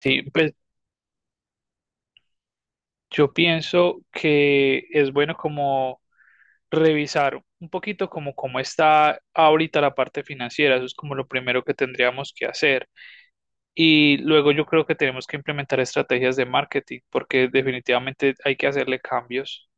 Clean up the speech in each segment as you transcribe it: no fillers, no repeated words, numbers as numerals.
Sí, pues yo pienso que es bueno como revisar un poquito como cómo está ahorita la parte financiera, eso es como lo primero que tendríamos que hacer. Y luego yo creo que tenemos que implementar estrategias de marketing porque definitivamente hay que hacerle cambios.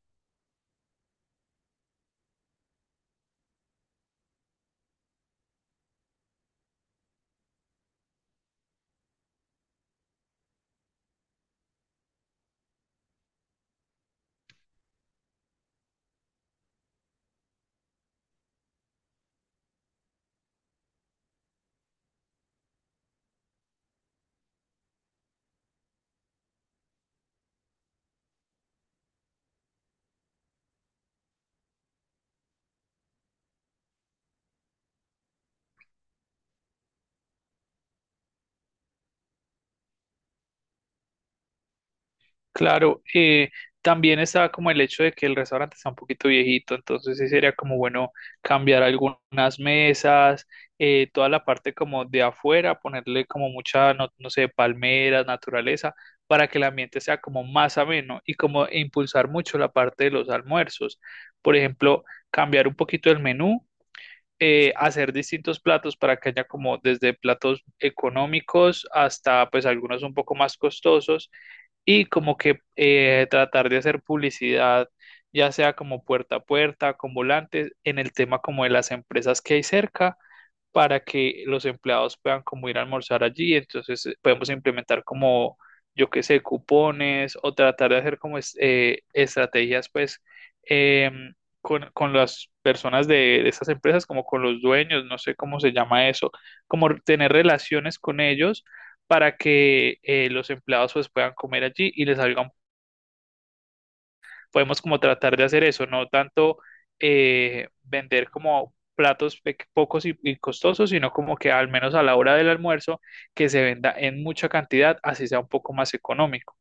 Claro, también está como el hecho de que el restaurante está un poquito viejito, entonces sí sería como bueno cambiar algunas mesas, toda la parte como de afuera, ponerle como mucha, no, no sé, palmeras, naturaleza, para que el ambiente sea como más ameno y como impulsar mucho la parte de los almuerzos. Por ejemplo, cambiar un poquito el menú hacer distintos platos para que haya como desde platos económicos hasta pues algunos un poco más costosos y como que tratar de hacer publicidad, ya sea como puerta a puerta, con volantes, en el tema como de las empresas que hay cerca para que los empleados puedan como ir a almorzar allí. Entonces podemos implementar como, yo qué sé, cupones o tratar de hacer como estrategias pues em, con las personas de estas empresas, como con los dueños, no sé cómo se llama eso, como tener relaciones con ellos para que los empleados pues puedan comer allí y les salga un podemos como tratar de hacer eso, no tanto vender como platos pocos y costosos, sino como que al menos a la hora del almuerzo que se venda en mucha cantidad, así sea un poco más económico.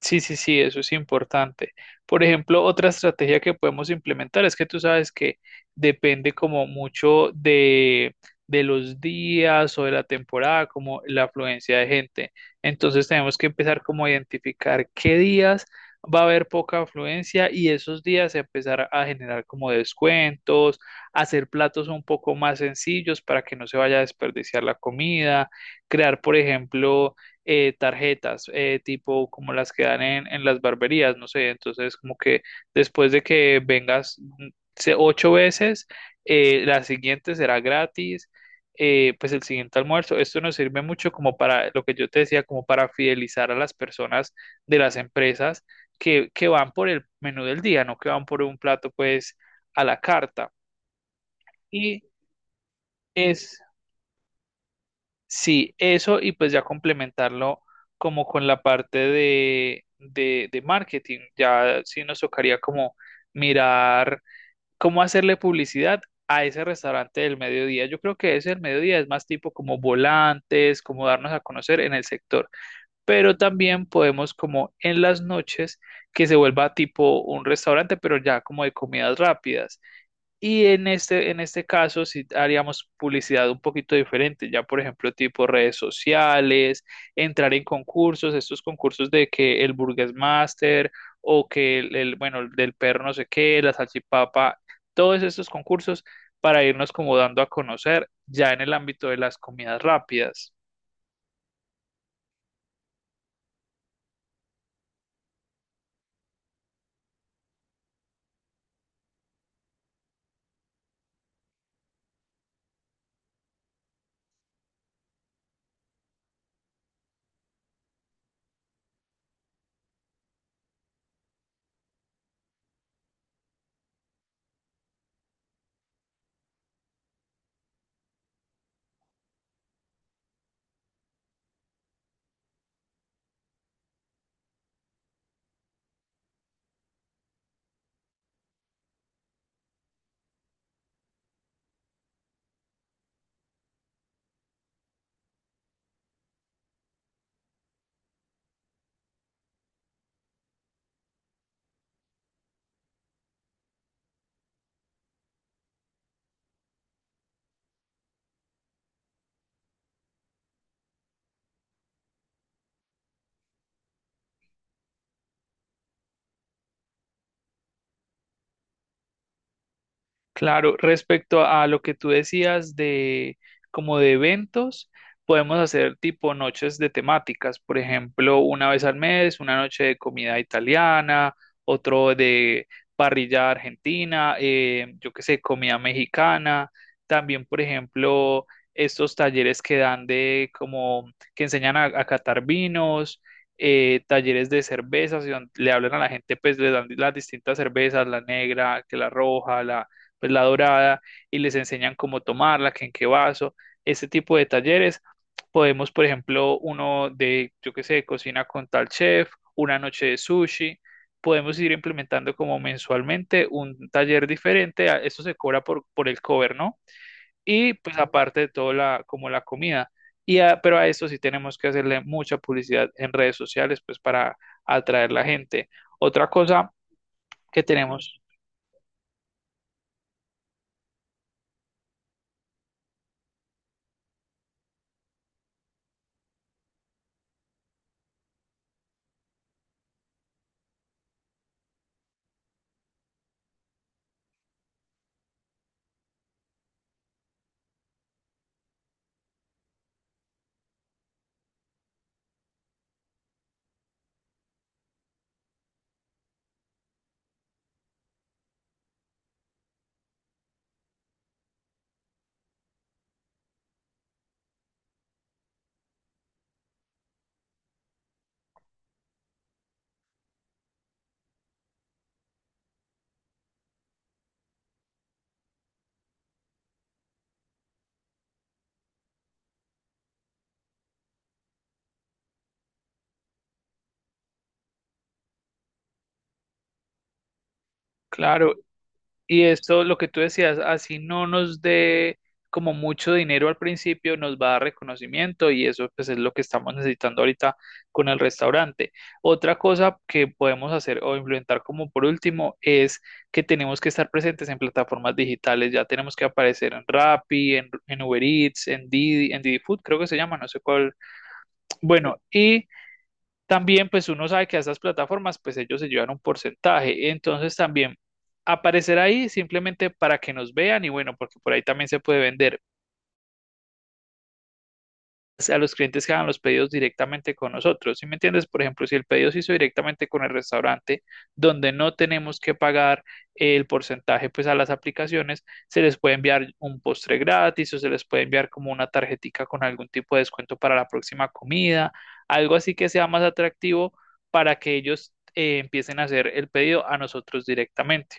Sí, sí, sí, eso es importante. Por ejemplo, otra estrategia que podemos implementar es que tú sabes que depende como mucho de los días o de la temporada, como la afluencia de gente. Entonces tenemos que empezar como a identificar qué días va a haber poca afluencia y esos días empezar a generar como descuentos, hacer platos un poco más sencillos para que no se vaya a desperdiciar la comida, crear, por ejemplo, tarjetas, tipo como las que dan en las barberías, no sé, entonces como que después de que vengas ocho veces, la siguiente será gratis, pues el siguiente almuerzo, esto nos sirve mucho como para lo que yo te decía, como para fidelizar a las personas de las empresas que van por el menú del día, no que van por un plato pues a la carta. Y es... Sí, eso y pues ya complementarlo como con la parte de marketing. Ya sí nos tocaría como mirar cómo hacerle publicidad a ese restaurante del mediodía. Yo creo que ese del mediodía es más tipo como volantes, como darnos a conocer en el sector. Pero también podemos como en las noches que se vuelva tipo un restaurante, pero ya como de comidas rápidas. Y en en este caso, si haríamos publicidad un poquito diferente, ya por ejemplo, tipo redes sociales, entrar en concursos, estos concursos de que el Burgers Master o que bueno, el del perro no sé qué, la salchipapa, todos estos concursos para irnos como dando a conocer ya en el ámbito de las comidas rápidas. Claro, respecto a lo que tú decías de como de eventos, podemos hacer tipo noches de temáticas, por ejemplo, una vez al mes, una noche de comida italiana, otro de parrilla argentina, yo qué sé, comida mexicana, también, por ejemplo, estos talleres que dan de como que enseñan a catar vinos. Talleres de cervezas, y le hablan a la gente, pues le dan las distintas cervezas, la negra, que la roja, la, pues, la dorada y les enseñan cómo tomarla, que en qué vaso, este tipo de talleres. Podemos, por ejemplo, uno de, yo qué sé, cocina con tal chef, una noche de sushi. Podemos ir implementando como mensualmente un taller diferente. Eso se cobra por el cover, ¿no? Y pues aparte de todo, la, como la comida. Pero a esto sí tenemos que hacerle mucha publicidad en redes sociales, pues para atraer la gente. Otra cosa que tenemos, claro, y esto, lo que tú decías, así no nos dé como mucho dinero al principio, nos va a dar reconocimiento y eso pues es lo que estamos necesitando ahorita con el restaurante. Otra cosa que podemos hacer o implementar como por último es que tenemos que estar presentes en plataformas digitales, ya tenemos que aparecer en Rappi, en Uber Eats, en Didi Food, creo que se llama, no sé cuál. Bueno, y también, pues uno sabe que a estas plataformas, pues ellos se llevan un porcentaje. Entonces también aparecer ahí simplemente para que nos vean y bueno, porque por ahí también se puede vender pues, a los clientes que hagan los pedidos directamente con nosotros. ¿Sí me entiendes? Por ejemplo, si el pedido se hizo directamente con el restaurante, donde no tenemos que pagar el porcentaje pues a las aplicaciones, se les puede enviar un postre gratis o se les puede enviar como una tarjetica con algún tipo de descuento para la próxima comida, algo así que sea más atractivo para que ellos empiecen a hacer el pedido a nosotros directamente.